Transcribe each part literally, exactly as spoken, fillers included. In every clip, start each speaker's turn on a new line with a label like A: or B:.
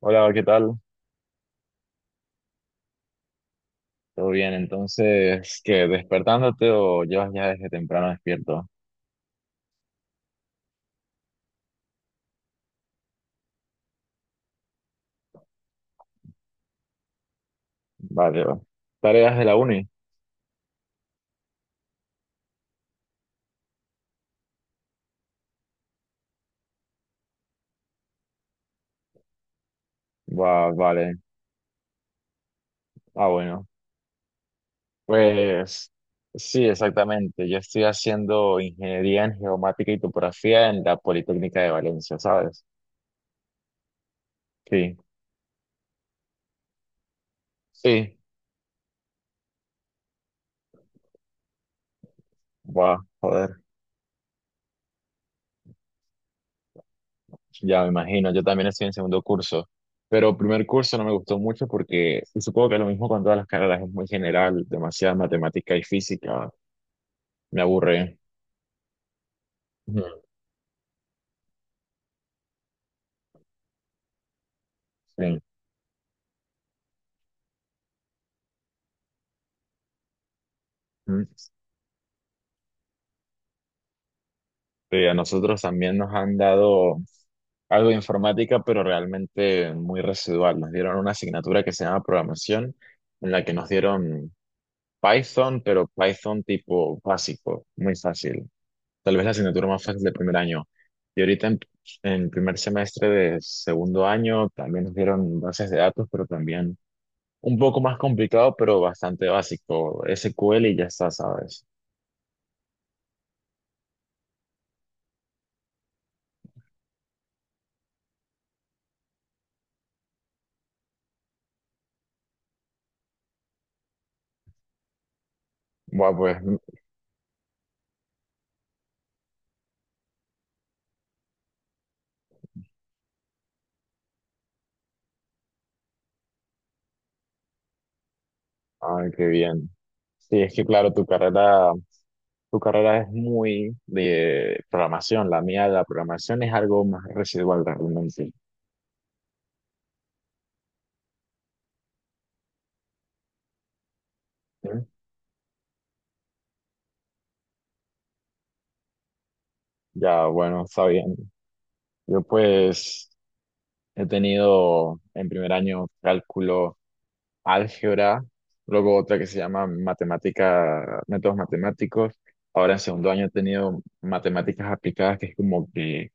A: Hola, ¿qué tal? ¿Todo bien? Entonces, ¿qué? ¿Despertándote o llevas ya desde temprano despierto? Vale. Va. ¿Tareas de la uni? Va, vale. Ah, bueno. Pues sí, exactamente. Yo estoy haciendo ingeniería en geomática y topografía en la Politécnica de Valencia, ¿sabes? Sí. Sí. Va, joder. Ya me imagino. Yo también estoy en segundo curso. Pero primer curso no me gustó mucho porque, y supongo que lo mismo con todas las carreras, es muy general, demasiada matemática y física. Me aburre. Ujú. Sí. Ujú. Sí, a nosotros también nos han dado algo de informática, pero realmente muy residual. Nos dieron una asignatura que se llama programación, en la que nos dieron Python, pero Python tipo básico, muy fácil. Tal vez la asignatura más fácil del primer año. Y ahorita en, en primer semestre de segundo año también nos dieron bases de datos, pero también un poco más complicado, pero bastante básico. ese cu ele y ya está, ¿sabes? Bueno, pues ay, qué bien. Sí, es que claro, tu carrera, tu carrera es muy de programación. La mía, la programación es algo más residual realmente. ¿Sí? Ya, bueno, está bien. Yo pues he tenido en primer año cálculo, álgebra, luego otra que se llama matemática, métodos matemáticos. Ahora en segundo año he tenido matemáticas aplicadas, que es como que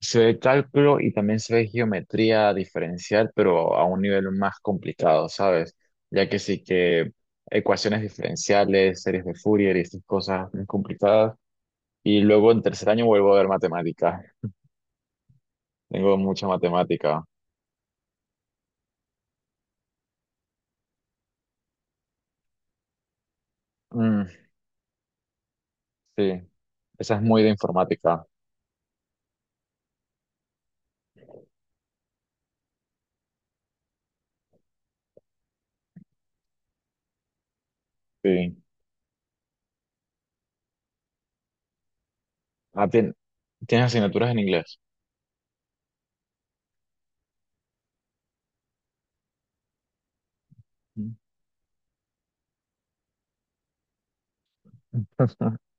A: se ve cálculo y también se ve geometría diferencial, pero a un nivel más complicado, ¿sabes? Ya que sí que ecuaciones diferenciales, series de Fourier y estas cosas muy complicadas. Y luego en tercer año vuelvo a ver matemática. Tengo mucha matemática. Mm, sí, esa es muy de informática. Sí. Ah, tien- ¿tienes asignaturas en inglés? Mm.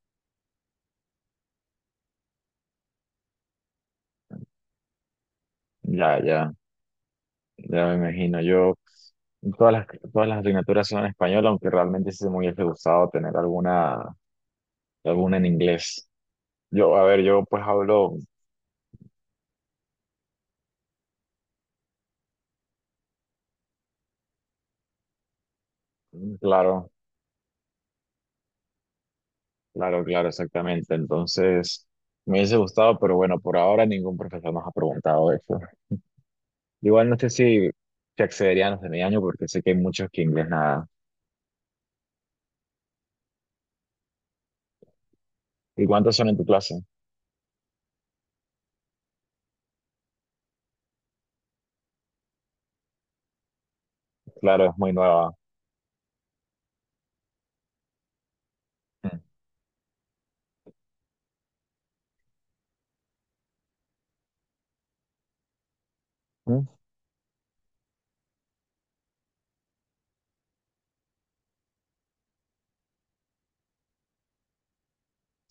A: Ya, ya. Ya me imagino, yo todas las, todas las asignaturas son en español, aunque realmente sí me hubiese gustado tener alguna, alguna en inglés. Yo, a ver, yo pues hablo, mm, claro, claro, claro, exactamente. Entonces, me hubiese gustado, pero bueno, por ahora ningún profesor nos ha preguntado eso. Igual no sé si, si accederían los de mi año, porque sé que hay muchos que inglés nada. ¿Y cuántos son en tu clase? Claro, es muy nueva. Mm, mm,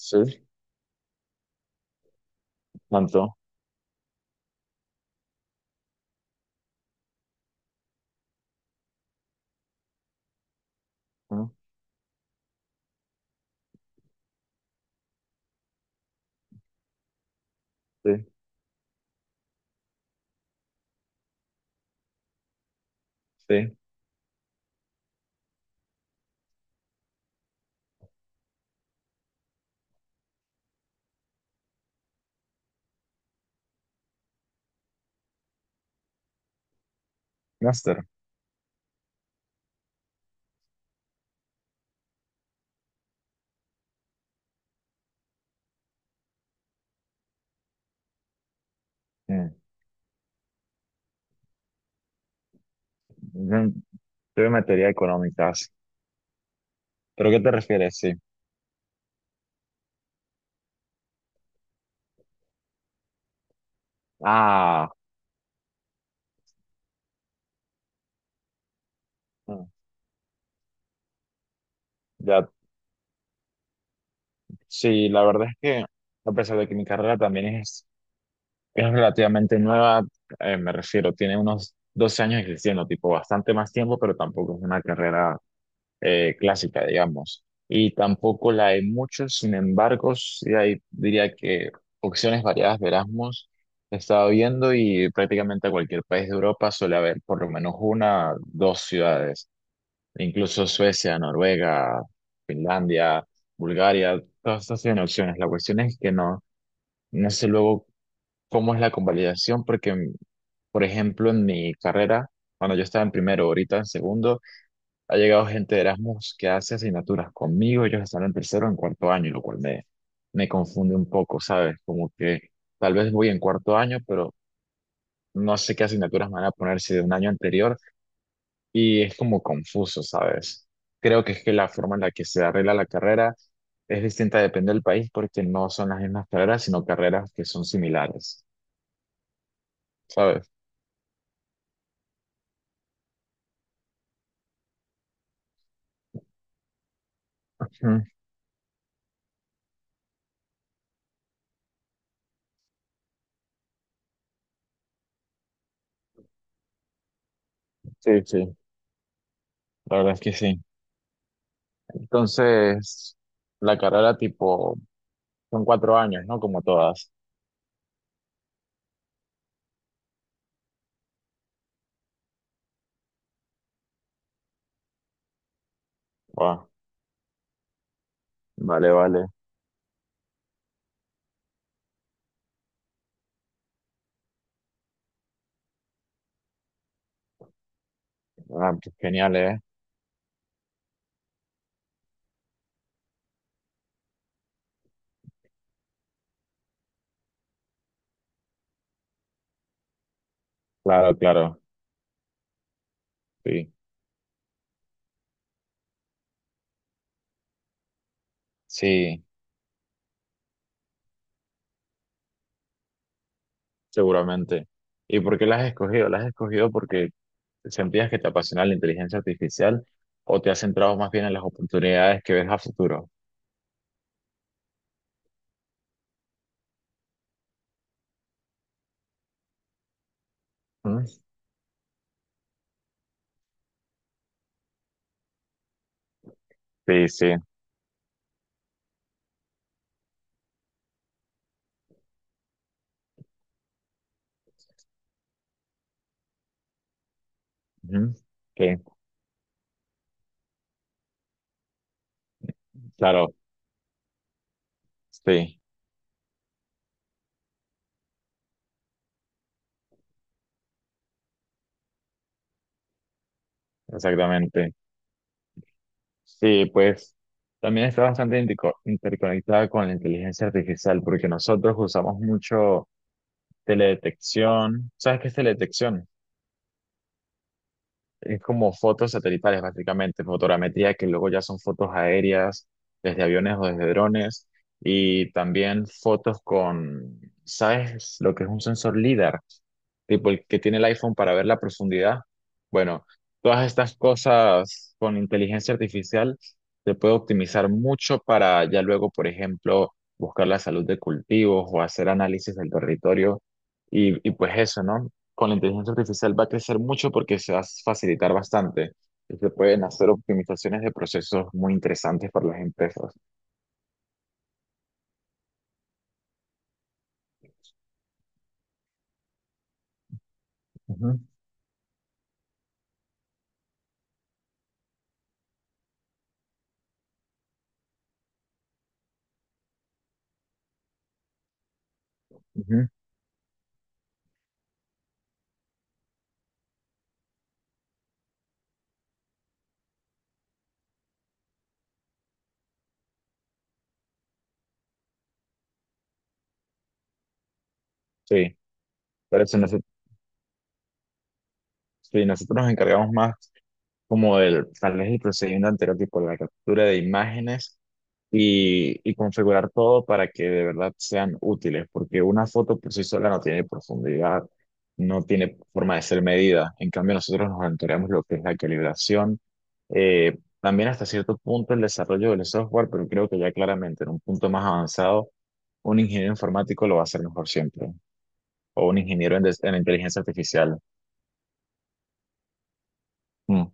A: sí, tanto. Mm, sí, sí. Master. Mm. Yo me metería económicas. ¿Pero qué te refieres? Sí. Ah, mm, ya. Sí, la verdad es que a pesar de que mi carrera también es, es relativamente nueva, eh, me refiero, tiene unos doce años existiendo, tipo bastante más tiempo, pero tampoco es una carrera eh, clásica, digamos. Y tampoco la hay mucho, sin embargo, sí hay, diría que opciones variadas de Erasmus. He estado viendo y prácticamente a cualquier país de Europa suele haber por lo menos una, dos ciudades. Incluso Suecia, Noruega, Finlandia, Bulgaria, todas estas tienen opciones. La cuestión es que no, no sé luego cómo es la convalidación, porque, por ejemplo, en mi carrera, cuando yo estaba en primero, ahorita en segundo, ha llegado gente de Erasmus que hace asignaturas conmigo, ellos están en tercero o en cuarto año, lo cual me, me confunde un poco, ¿sabes? Como que tal vez voy en cuarto año, pero no sé qué asignaturas me van a poner si de un año anterior, y es como confuso, ¿sabes? Creo que es que la forma en la que se arregla la carrera es distinta, depende del país, porque no son las mismas carreras, sino carreras que son similares, ¿sabes? Ujú. Sí, sí, la verdad es que sí. Entonces, la carrera tipo, son cuatro años, ¿no? Como todas. Buah, vale, vale. Ah, pues genial, ¿eh? Claro, claro, sí. Sí, seguramente. ¿Y por qué las has escogido? ¿Las has escogido porque sentías que te apasiona la inteligencia artificial o te has centrado más bien en las oportunidades que ves a futuro? ¿Mm? Sí, sí. Ujú. Sí, claro, sí, exactamente. Sí, pues también está bastante indico- interconectada con la inteligencia artificial porque nosotros usamos mucho teledetección. ¿Sabes qué es teledetección? Es como fotos satelitales, básicamente, fotogrametría, que luego ya son fotos aéreas, desde aviones o desde drones, y también fotos con, ¿sabes lo que es un sensor LIDAR? Tipo el que tiene el iPhone para ver la profundidad. Bueno, todas estas cosas con inteligencia artificial se puede optimizar mucho para ya luego, por ejemplo, buscar la salud de cultivos o hacer análisis del territorio y, y pues eso, ¿no? Con la inteligencia artificial va a crecer mucho porque se va a facilitar bastante y se pueden hacer optimizaciones de procesos muy interesantes para las empresas. Ujú, ujú. Sí, pero si nosotros, si nosotros nos encargamos más como del tal vez el procedimiento anterior, tipo la captura de imágenes y, y configurar todo para que de verdad sean útiles, porque una foto por sí sola no tiene profundidad, no tiene forma de ser medida. En cambio, nosotros nos monitoreamos lo que es la calibración, eh, también hasta cierto punto el desarrollo del software, pero creo que ya claramente en un punto más avanzado, un ingeniero informático lo va a hacer mejor siempre, o un ingeniero en, des- en inteligencia artificial. Mm.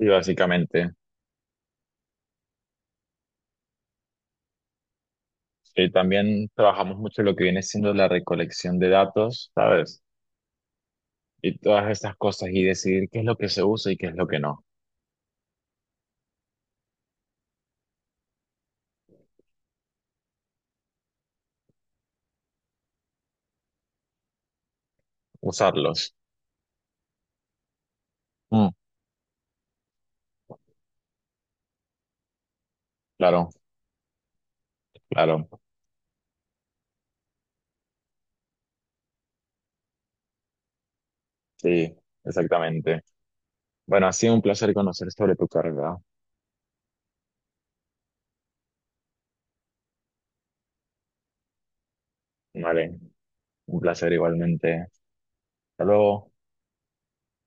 A: Y básicamente, eh, también trabajamos mucho lo que viene siendo la recolección de datos, ¿sabes? Y todas estas cosas y decidir qué es lo que se usa y qué es lo que no. Usarlos. Mm, claro, claro. Sí, exactamente. Bueno, ha sido un placer conocer sobre tu carrera. Vale, un placer igualmente. Hasta luego.